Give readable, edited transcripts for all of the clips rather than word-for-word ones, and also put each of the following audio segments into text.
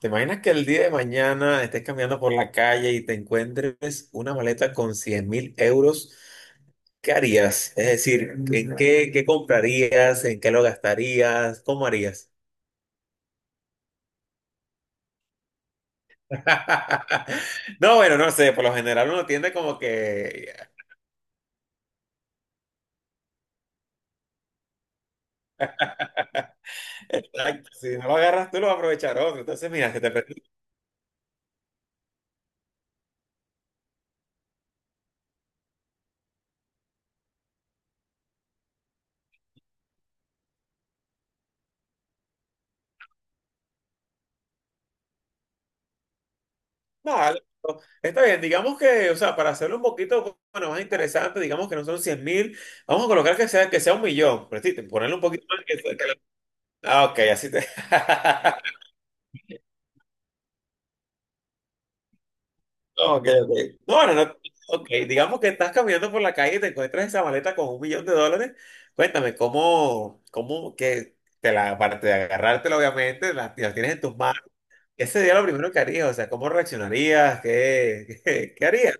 ¿Te imaginas que el día de mañana estés caminando por la calle y te encuentres una maleta con 100.000 euros? ¿Qué harías? Es decir, ¿en qué comprarías? ¿En qué lo gastarías? ¿Cómo harías? No, bueno, no sé. Por lo general uno tiende como que... Exacto, si no lo agarras tú, lo va a aprovechar otro. Entonces, mira, que te presenta algo. Está bien, digamos que, o sea, para hacerlo un poquito bueno, más interesante, digamos que no son 100.000, vamos a colocar que sea 1.000.000, pero sí, ponerle un poquito más que, ah, ok, así te. Ok, ok. No, no, no. Ok, digamos que estás caminando por la calle y te encuentras esa maleta con 1.000.000 de dólares. Cuéntame, ¿cómo que te la, aparte de agarrártela, obviamente, la tienes en tus manos? Ese día lo primero que harías, o sea, ¿cómo reaccionarías? ¿Qué, qué harías?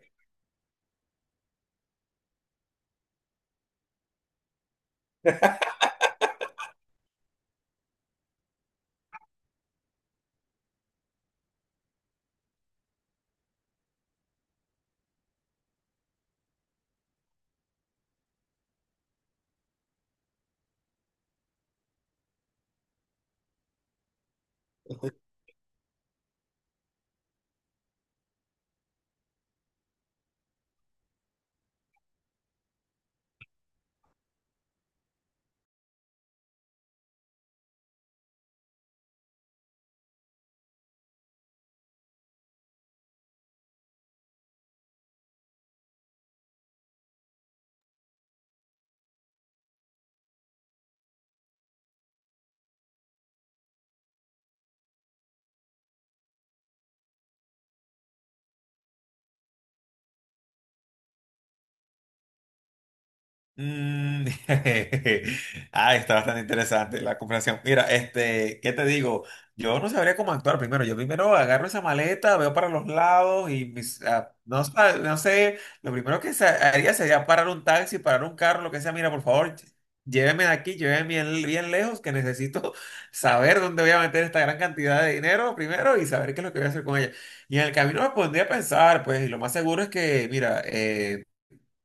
Mm. Ah, está bastante interesante la conversación. Mira, este, ¿qué te digo? Yo no sabría cómo actuar primero. Yo primero agarro esa maleta, veo para los lados y mis, no, no sé, lo primero que haría sería parar un taxi, parar un carro, lo que sea. Mira, por favor, lléveme de aquí, lléveme bien, bien lejos, que necesito saber dónde voy a meter esta gran cantidad de dinero primero y saber qué es lo que voy a hacer con ella. Y en el camino me pondría a pensar, pues, y lo más seguro es que, mira,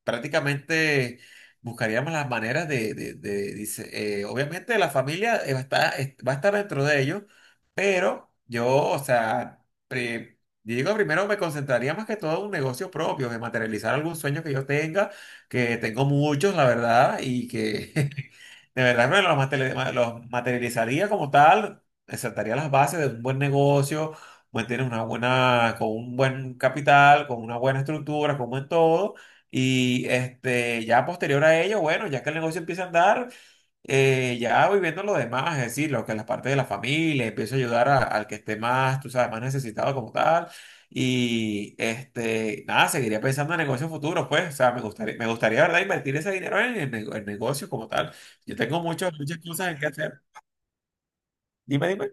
prácticamente buscaríamos las maneras de, dice, obviamente la familia va a estar, va a estar dentro de ellos, pero yo, o sea, digo, primero me concentraría más que todo en un negocio propio, de materializar algún sueño que yo tenga, que tengo muchos, la verdad, y que de verdad me los materializaría como tal, sentaría las bases de un buen negocio. Mantener una buena, con un buen capital, con una buena estructura, con un buen todo, y este, ya posterior a ello, bueno, ya que el negocio empieza a andar, ya voy viendo lo demás, es decir, lo que las partes de la familia, empiezo a ayudar al que esté más, tú sabes, más necesitado como tal. Y este, nada, seguiría pensando en negocios futuros, pues, o sea, me gustaría, ¿verdad?, invertir ese dinero en, el en negocios como tal. Yo tengo muchas, muchas cosas en que hacer. Dime, dime.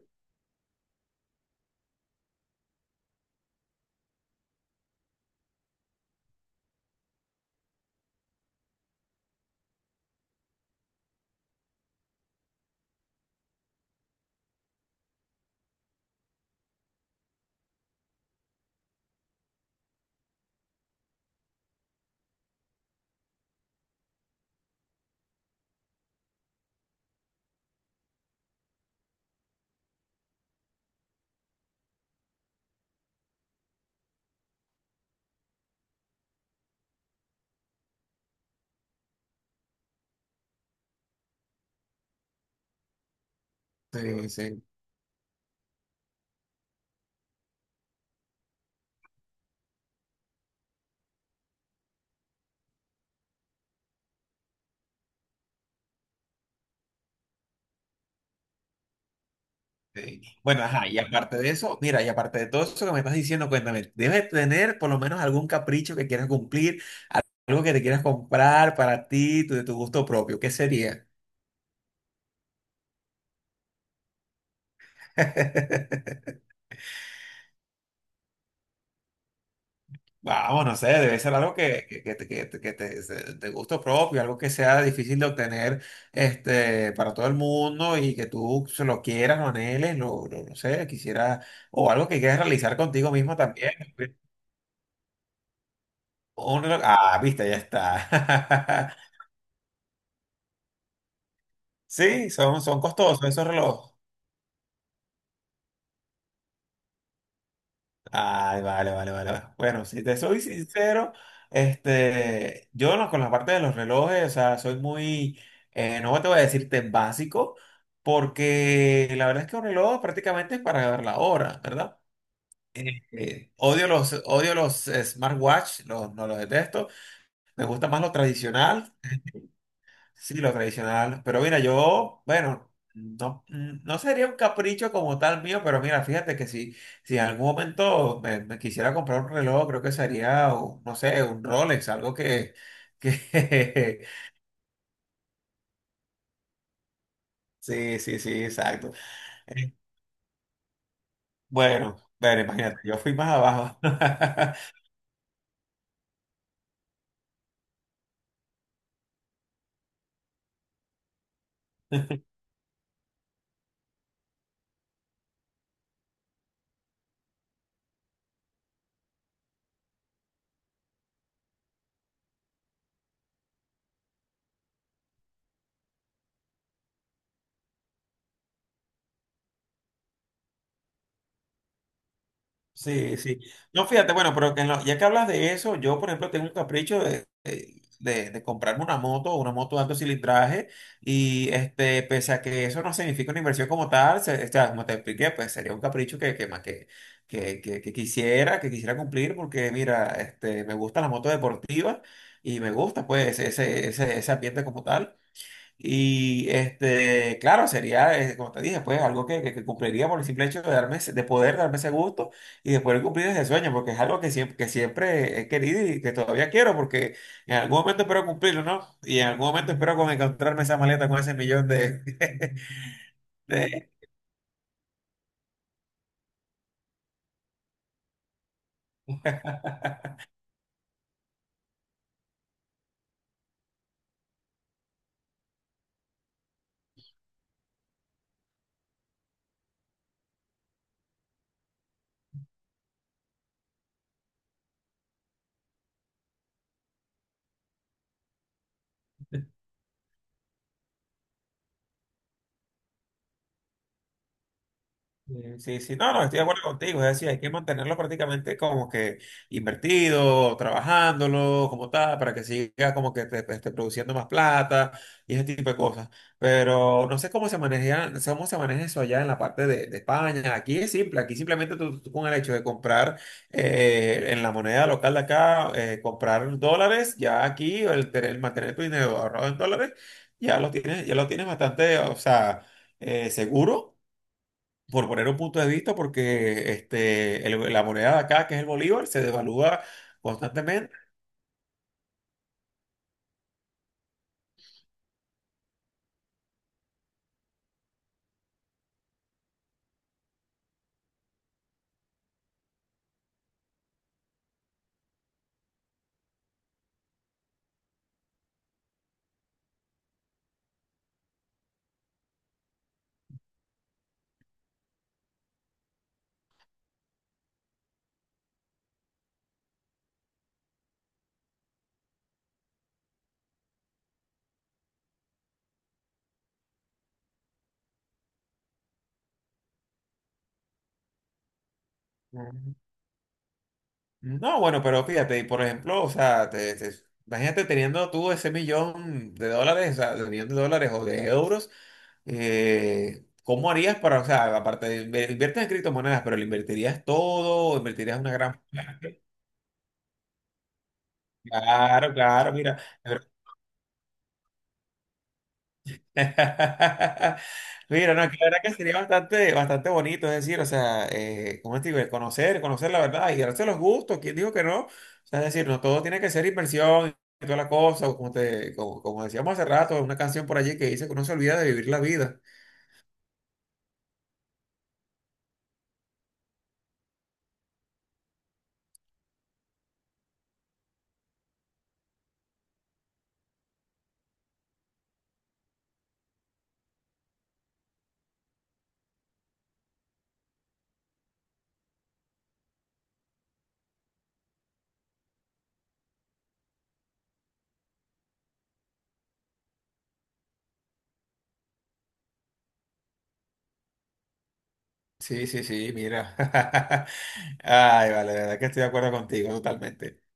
Sí, sí, sí. Bueno, ajá, y aparte de eso, mira, y aparte de todo eso que me estás diciendo, cuéntame, debes tener por lo menos algún capricho que quieras cumplir. Algo que te quieras comprar para ti, de tu gusto propio, ¿qué sería? Vamos, no sé, debe ser algo que, te- que, te, que te- se- de gusto propio, algo que sea difícil de obtener para todo el mundo y que tú se lo quieras, lo anheles, no sé, quisiera, o algo que quieras realizar contigo mismo también. Ah, viste, ya está. Sí, son costosos esos relojes. Ay, vale, vale, vale. Vale. Bueno, si te soy sincero, este, yo no, con la parte de los relojes, o sea, soy muy, no te voy a decir tan básico, porque la verdad es que un reloj prácticamente es para ver la hora, ¿verdad? Odio los smartwatch, no los detesto. Me gusta más lo tradicional. Sí, lo tradicional. Pero mira, yo, bueno, no, no sería un capricho como tal mío, pero mira, fíjate que si, si en algún momento me quisiera comprar un reloj, creo que sería, no sé, un Rolex, algo que... Sí, sí, sí, exacto. Eh, Bueno, bueno, imagínate, yo fui más abajo. Sí, sí. No, fíjate, bueno, pero que en ya que hablas de eso, yo, por ejemplo, tengo un capricho de comprarme una moto de alto cilindraje, y este, pese a que eso no significa una inversión como tal, o sea, como te expliqué, pues sería un capricho más que quisiera cumplir, porque mira, este, me gusta la moto deportiva y me gusta, pues, ese ambiente como tal. Y este, claro, sería, como te dije, pues algo que, que cumpliría por el simple hecho de darme, de poder darme ese gusto y de poder cumplir ese sueño, porque es algo que siempre he querido y que todavía quiero, porque en algún momento espero cumplirlo, ¿no? Y en algún momento espero con encontrarme esa maleta con ese 1.000.000 de, de, Sí, sí, sí. No, no, estoy de acuerdo contigo. Es decir, hay que mantenerlo prácticamente como que invertido, trabajándolo, como tal, para que siga como que te esté produciendo más plata y ese tipo de cosas. Pero no sé cómo se maneja eso allá en la parte de España. Aquí es simple, aquí simplemente tú, tú con el hecho de comprar en la moneda local de acá, comprar dólares, ya aquí el, mantener tu dinero ahorrado en dólares, ya lo tienes bastante, o sea, seguro por poner un punto de vista, porque este, la moneda de acá, que es el bolívar, se devalúa constantemente. Mm. No, bueno, pero fíjate, y por ejemplo, o sea, imagínate teniendo tú ese 1.000.000 de dólares, o sea, de 1.000.000 de dólares o de euros, ¿cómo harías para, o sea, aparte de inviertes en criptomonedas, pero lo invertirías todo, invertirías una gran... Claro, claro, mira. Mira, no, que la verdad que sería bastante, bastante bonito, es decir, o sea, ¿cómo te digo? El conocer, conocer la verdad y darse los gustos, ¿quién dijo que no? O sea, es decir, no todo tiene que ser inversión y toda la cosa, o como decíamos hace rato, una canción por allí que dice que uno se olvida de vivir la vida. Sí, sí, sí, mira. Ay, vale, la verdad que estoy de acuerdo contigo totalmente.